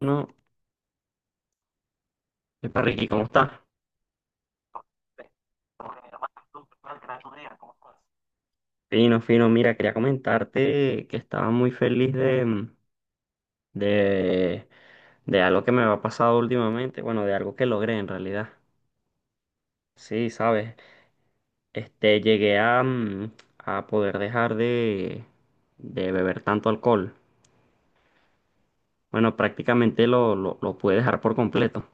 No, epa Ricky, ¿cómo está? Fino, fino, mira, quería comentarte que estaba muy feliz de, de algo que me ha pasado últimamente, bueno, de algo que logré en realidad. Sí, sabes, llegué a, a poder dejar de beber tanto alcohol. Bueno, prácticamente lo pude dejar por completo.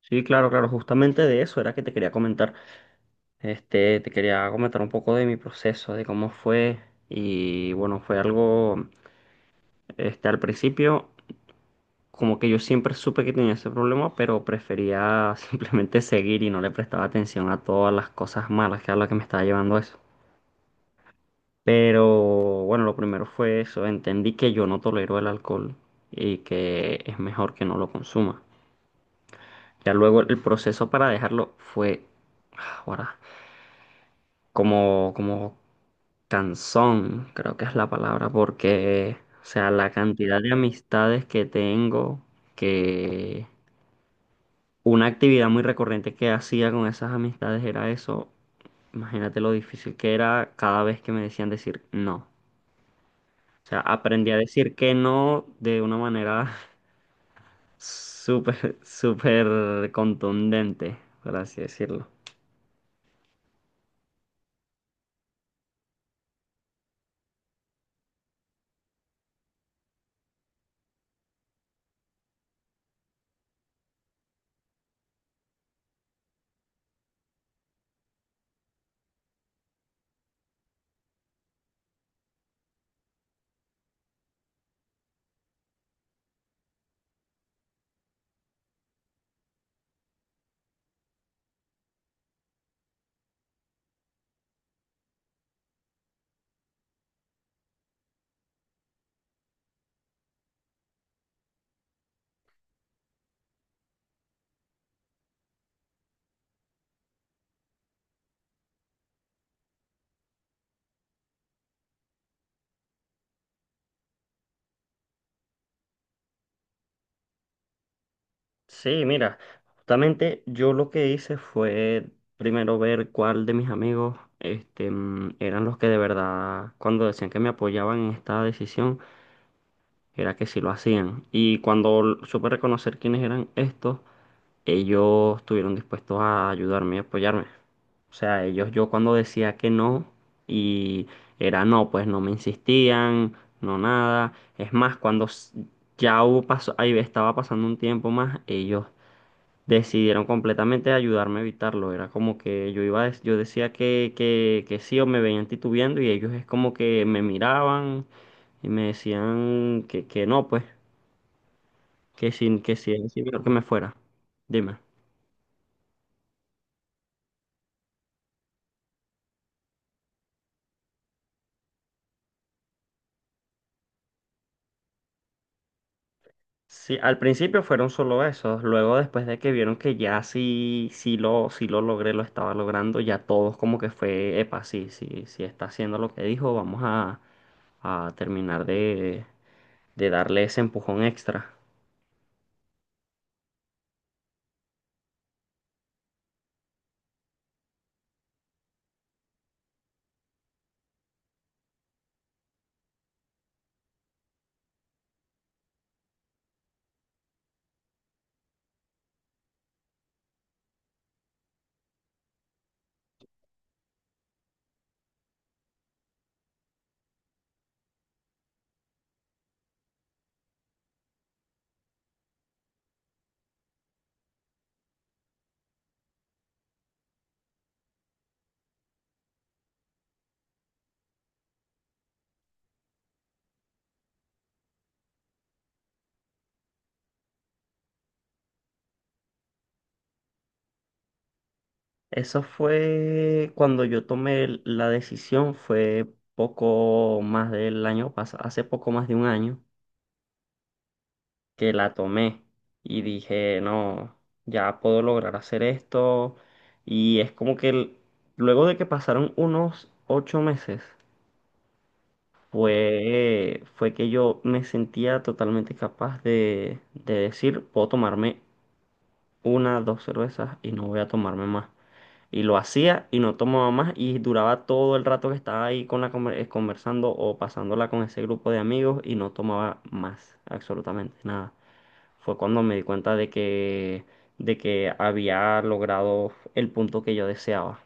Sí, claro, claro, justamente de eso era que te quería comentar. Te quería comentar un poco de mi proceso, de cómo fue. Y bueno, fue algo, al principio, como que yo siempre supe que tenía ese problema, pero prefería simplemente seguir y no le prestaba atención a todas las cosas malas que a las que me estaba llevando eso. Pero bueno, lo primero fue eso, entendí que yo no tolero el alcohol y que es mejor que no lo consuma. Ya luego el proceso para dejarlo fue, ahora, como Canzón, creo que es la palabra, porque, o sea, la cantidad de amistades que tengo, que una actividad muy recurrente que hacía con esas amistades era eso. Imagínate lo difícil que era cada vez que me decían decir no. O sea, aprendí a decir que no de una manera súper, súper contundente, por así decirlo. Sí, mira, justamente yo lo que hice fue primero ver cuál de mis amigos eran los que de verdad, cuando decían que me apoyaban en esta decisión, era que sí lo hacían. Y cuando supe reconocer quiénes eran estos, ellos estuvieron dispuestos a ayudarme y apoyarme. O sea, ellos yo cuando decía que no y era no, pues no me insistían, no nada. Es más, cuando ya hubo paso, ahí estaba pasando un tiempo más, ellos decidieron completamente ayudarme a evitarlo. Era como que yo iba, yo decía que sí o me veían titubeando y ellos es como que me miraban y me decían que no, pues, que si es mejor que me fuera. Dime. Sí, al principio fueron solo esos, luego después de que vieron que ya sí, sí lo logré, lo estaba logrando, ya todos como que fue, epa, sí, sí, sí está haciendo lo que dijo, a terminar de darle ese empujón extra. Eso fue cuando yo tomé la decisión, fue poco más del año pasado, hace poco más de un año que la tomé y dije, no, ya puedo lograr hacer esto. Y es como que luego de que pasaron unos 8 meses, fue, fue que yo me sentía totalmente capaz de decir, puedo tomarme una, dos cervezas y no voy a tomarme más. Y lo hacía y no tomaba más y duraba todo el rato que estaba ahí con la conversando o pasándola con ese grupo de amigos y no tomaba más, absolutamente nada. Fue cuando me di cuenta de que había logrado el punto que yo deseaba.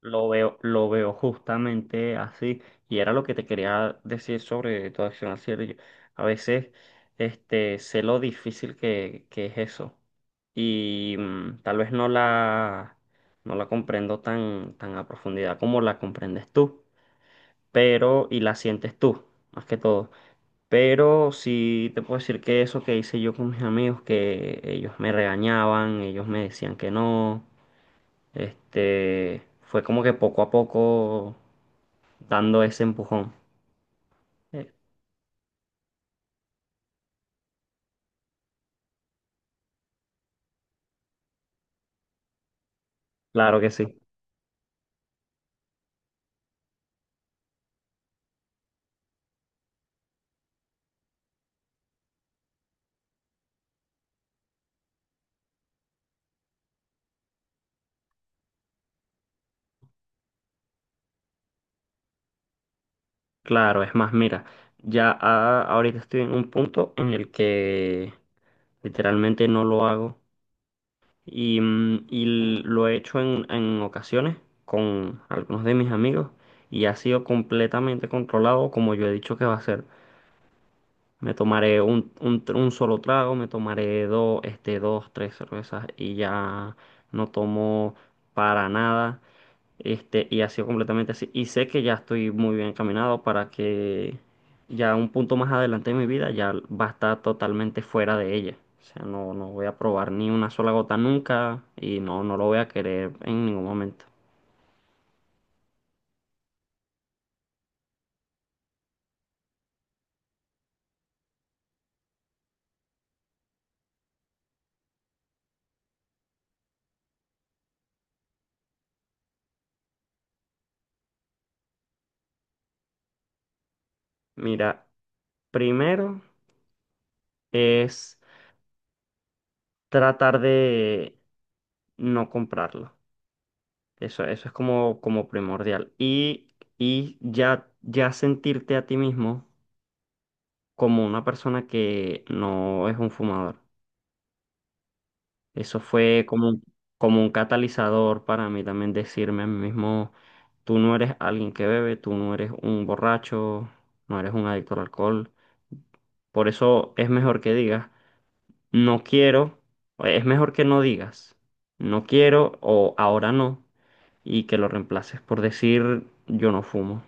Lo veo justamente así. Y era lo que te quería decir sobre tu acción al cielo. Yo a veces sé lo difícil que es eso. Y tal vez no la comprendo tan, tan a profundidad como la comprendes tú. Pero, y la sientes tú, más que todo. Pero sí te puedo decir que eso que hice yo con mis amigos, que ellos me regañaban, ellos me decían que no. Fue como que poco a poco dando ese empujón. Eh, Claro que sí, claro, es más, mira, ya ahorita estoy en un punto en el que literalmente no lo hago y, y lo he hecho en ocasiones con algunos de mis amigos y ha sido completamente controlado como yo he dicho que va a ser. Me tomaré un solo trago, me tomaré dos, dos, tres cervezas y ya no tomo para nada. Y ha sido completamente así. Y sé que ya estoy muy bien encaminado para que ya un punto más adelante de mi vida ya va a estar totalmente fuera de ella. O sea, no, no voy a probar ni una sola gota nunca y no, no lo voy a querer en ningún momento. Mira, primero es tratar de no comprarlo. Eso es como, como primordial. Y ya, ya sentirte a ti mismo como una persona que no es un fumador. Eso fue como un catalizador para mí también decirme a mí mismo, tú no eres alguien que bebe, tú no eres un borracho, no eres un adicto al alcohol. Por eso es mejor que digas, no quiero, o es mejor que no digas, no quiero o ahora no, y que lo reemplaces por decir, yo no fumo.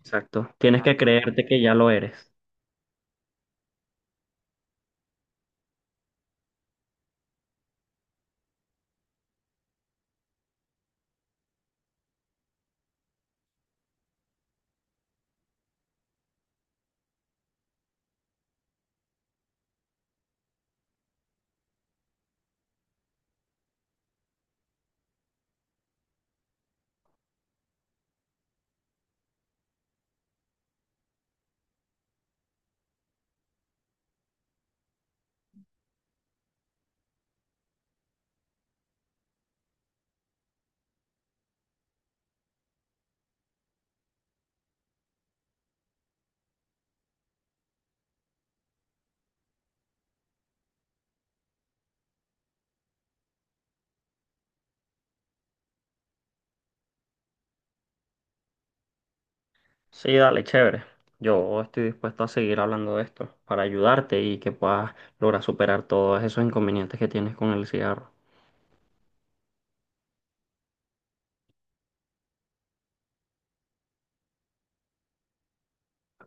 Exacto. Tienes que creerte que ya lo eres. Sí, dale, chévere. Yo estoy dispuesto a seguir hablando de esto para ayudarte y que puedas lograr superar todos esos inconvenientes que tienes con el cigarro.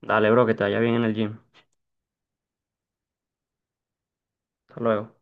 Dale, bro, que te vaya bien en el gym. Hasta luego.